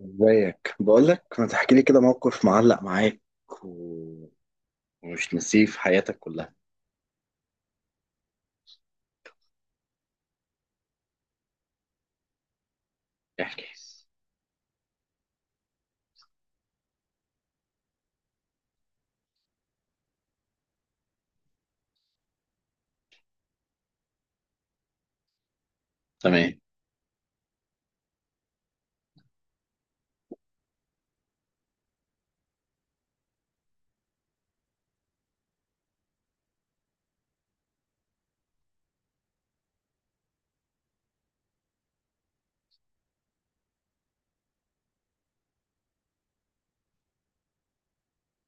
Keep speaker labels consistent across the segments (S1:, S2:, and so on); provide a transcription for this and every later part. S1: ازيك؟ بقولك ما تحكي لي كده موقف معلق معاك و... ومش نسيه في حياتك كلها. احكي. تمام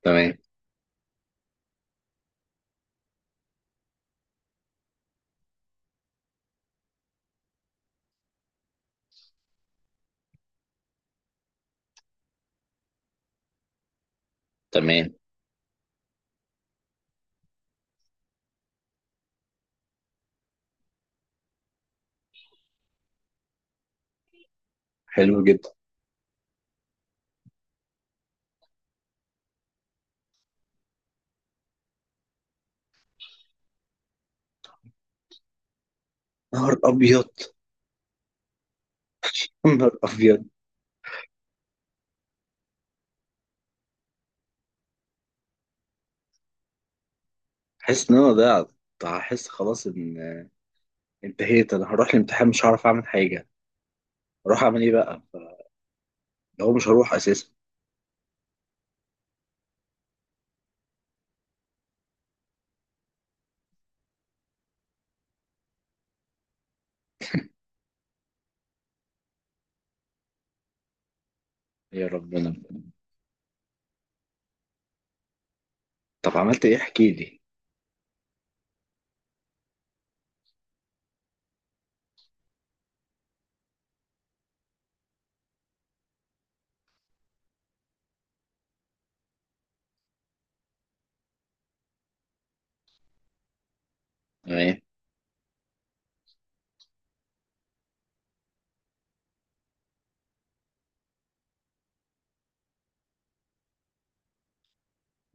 S1: تمام تمام. حلو جدا. نهار ابيض. نهار ابيض. حس ان انا ضيعت. هحس خلاص ان انتهيت. انا هروح الامتحان مش هعرف اعمل حاجه. اروح اعمل ايه بقى؟ لو مش هروح اساسا. يا ربنا. طب عملت ايه؟ احكي لي. تمام.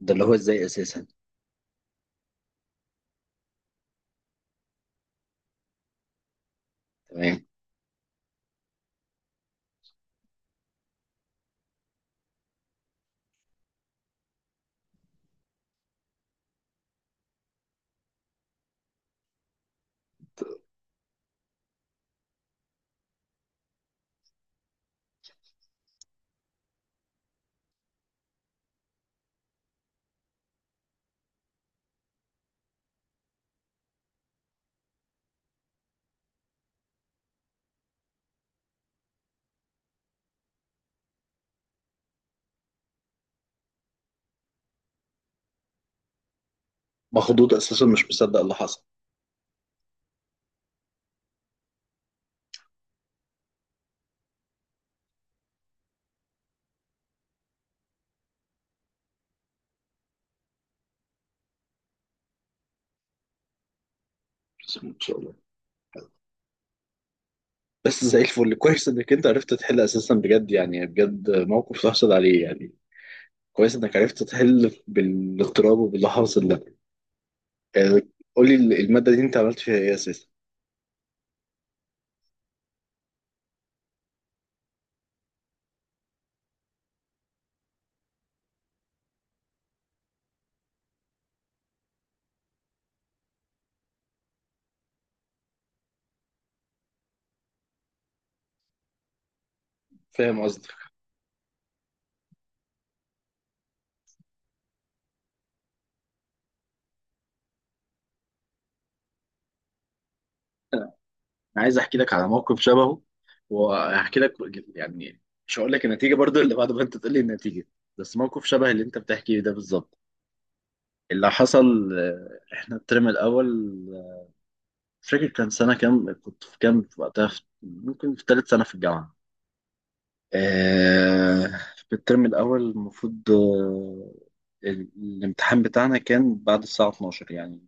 S1: ده اللي هو ازاي اساسا؟ تمام. مخضوض اساسا، مش مصدق اللي حصل. بسم الله ما شاء الله. بس زي الفل. كويس انك انت عرفت تحل اساسا، بجد يعني. بجد موقف تحصل عليه يعني. كويس انك عرفت تحل بالاضطراب وباللي حاصل ده يعني. قولي المادة دي انت عملت فيها ايه اساسا؟ فاهم قصدك. انا عايز احكي لك على موقف شبهه، واحكي لك يعني. مش هقول لك النتيجة برضو اللي بعد ما انت تقول لي النتيجة، بس موقف شبه اللي انت بتحكيه ده بالظبط. اللي حصل احنا الترم الاول. آه، مش فاكر كان سنة كام، كنت في كام وقتها، ممكن في ثالث سنة في الجامعة. آه، في الترم الأول المفروض الامتحان بتاعنا كان بعد الساعة 12 يعني،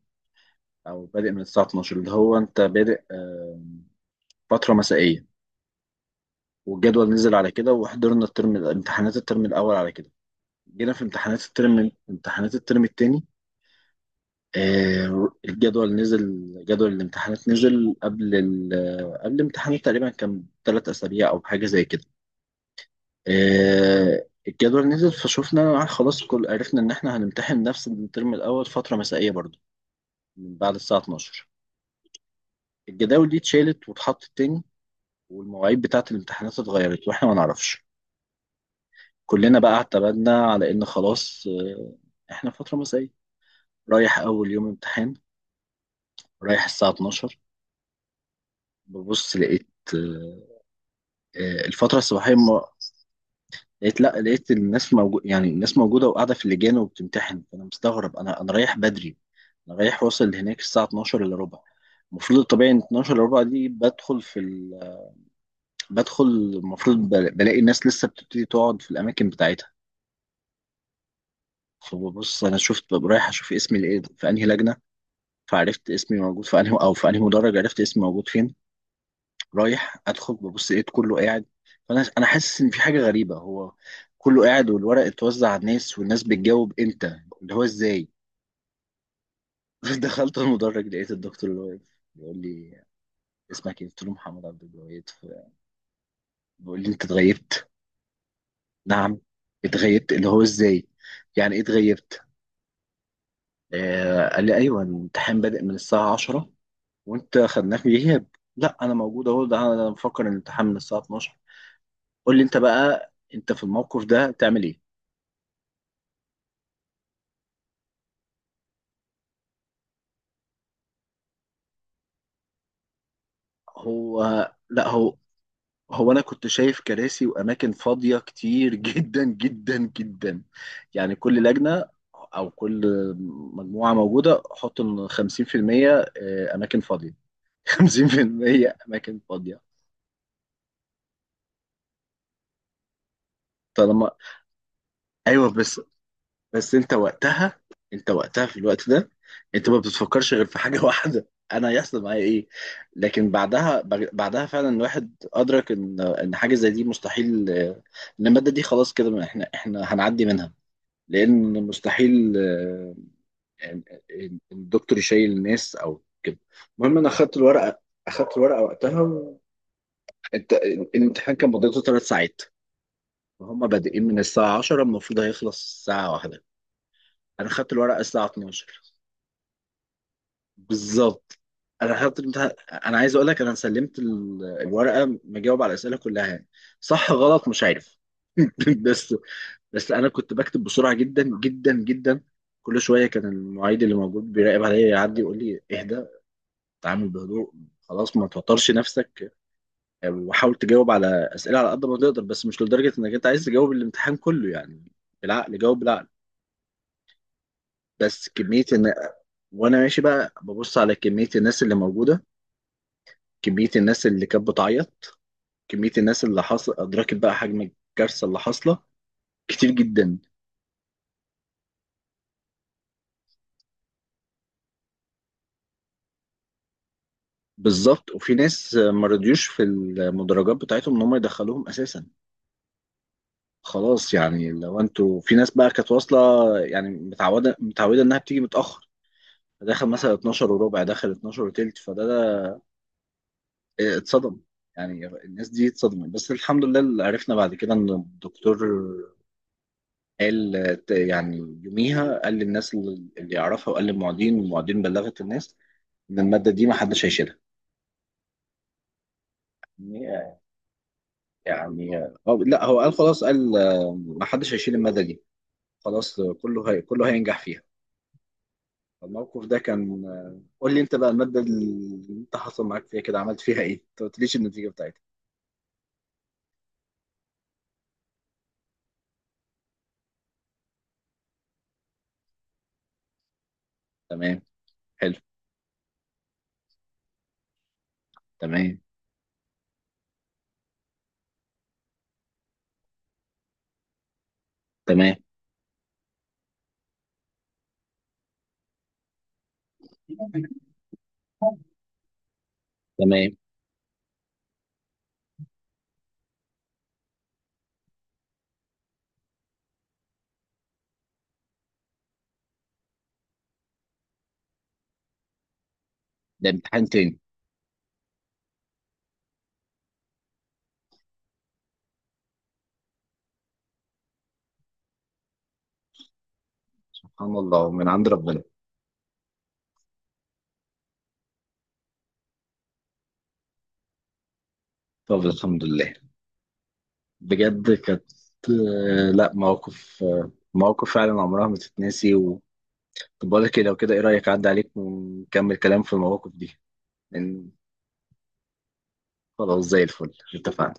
S1: أو بادئ من الساعة 12، اللي هو أنت بادئ فترة مسائية. والجدول نزل على كده، وحضرنا الترم، امتحانات الترم الأول على كده. جينا في امتحانات الترم، امتحانات الترم التاني، الجدول نزل. جدول الامتحانات نزل قبل قبل الامتحانات تقريبا، كان 3 أسابيع أو حاجة زي كده. الجدول نزل، فشوفنا خلاص كل عرفنا ان احنا هنمتحن نفس الترم الاول فتره مسائيه برضو، من بعد الساعه 12. الجداول دي اتشالت واتحطت تاني، والمواعيد بتاعه الامتحانات اتغيرت واحنا ما نعرفش. كلنا بقى اعتمدنا على ان خلاص احنا فتره مسائيه. رايح اول يوم امتحان، رايح الساعه 12، ببص لقيت الفتره الصباحيه. لقيت لا، لقيت الناس موجود، يعني الناس موجودة وقاعدة في اللجان وبتمتحن. فأنا مستغرب، أنا رايح بدري. أنا رايح، واصل هناك الساعة 12 إلا ربع. المفروض الطبيعي إن 12 إلا ربع دي بدخل في بدخل المفروض بلاقي الناس لسه بتبتدي تقعد في الأماكن بتاعتها. فببص أنا، شفت ببقى رايح أشوف اسمي لإيه في أنهي لجنة، فعرفت اسمي موجود في أنهي، أو في أنهي مدرج، عرفت اسمي موجود فين. رايح ادخل، ببص لقيت كله قاعد. فانا، انا حاسس ان في حاجه غريبه. هو كله قاعد، والورق اتوزع على الناس، والناس بتجاوب. امتى؟ اللي هو ازاي؟ دخلت المدرج، لقيت الدكتور اللي واقف بيقول لي: اسمك ايه؟ قلت له: محمد عبد الوهاب. بيقول لي: انت اتغيبت. نعم؟ اتغيبت؟ اللي هو ازاي؟ يعني ايه اتغيبت؟ آه، قال لي: ايوه الامتحان بادئ من الساعه 10، وانت خدناه في غياب. لا، انا موجود اهو، ده انا مفكر ان الامتحان من الساعه 12. قول لي انت بقى، انت في الموقف ده تعمل ايه؟ هو لا هو انا كنت شايف كراسي واماكن فاضيه كتير جدا جدا جدا. يعني كل لجنه، او كل مجموعه موجوده، حط ان 50% اماكن فاضيه. 50% اماكن فاضيه. طالما، ايوه بس، بس انت وقتها في الوقت ده، انت ما بتفكرش غير في حاجه واحده: انا هيحصل معايا ايه؟ لكن بعدها، بعدها فعلا الواحد ادرك ان حاجه زي دي مستحيل. ان الماده دي خلاص كده، ما احنا هنعدي منها، لان مستحيل إن الدكتور يشيل الناس او كده. المهم انا اخدت الورقه، اخدت الورقه وقتها انت الامتحان كان مدته 3 ساعات، وهم بادئين من الساعه 10، المفروض هيخلص الساعه واحدة. انا خدت الورقه الساعه 12 بالظبط. انا حاطط الامتحان. انا عايز اقول لك انا سلمت الورقه مجاوب على الاسئله كلها يعني. صح غلط مش عارف بس، بس انا كنت بكتب بسرعه جدا جدا جدا. كل شويه كان المعيد اللي موجود بيراقب عليا يعدي يقول لي: اهدى، اتعامل بهدوء، خلاص ما توترش نفسك، وحاول تجاوب على اسئله على قد ما تقدر، بس مش لدرجه انك انت عايز تجاوب الامتحان كله يعني. بالعقل، جاوب بالعقل. بس كميه ان، وانا ماشي بقى ببص على كميه الناس اللي موجوده، كمية الناس اللي كانت بتعيط، كمية الناس اللي حصل، أدركت بقى حجم الكارثة اللي حاصلة. كتير جدا. بالظبط. وفي ناس ما رضيوش في المدرجات بتاعتهم إن هم يدخلوهم أساسا. خلاص يعني لو أنتوا، في ناس بقى كانت واصلة، يعني متعودة إنها بتيجي متأخر، دخل مثلا 12 وربع، دخل 12 وتلت، فده اتصدم. يعني الناس دي اتصدمت. بس الحمد لله اللي عرفنا بعد كده إن الدكتور قال، يعني يوميها قال للناس اللي يعرفها، وقال للمعيدين، والمعيدين بلغت الناس ان الماده دي ما حدش هيشيلها. يعني هو لا هو قال خلاص، قال ما حدش هيشيل الماده دي، خلاص كله هينجح فيها. الموقف ده كان قول لي انت بقى، الماده اللي انت حصل معاك فيها كده عملت فيها ايه؟ انت ما قلتليش النتيجه بتاعتها. تمام. حلو. تمام تمام تمام. ده امتحان تاني؟ سبحان الله، من عند ربنا. طب الحمد لله. بجد كانت، آه، لا مواقف، مواقف فعلا عمرها ما تتنسي طب بقول لك إيه، لو كده ايه رأيك عدى عليك ونكمل كلام في المواقف دي؟ لأن، خلاص زي الفل، اتفقنا.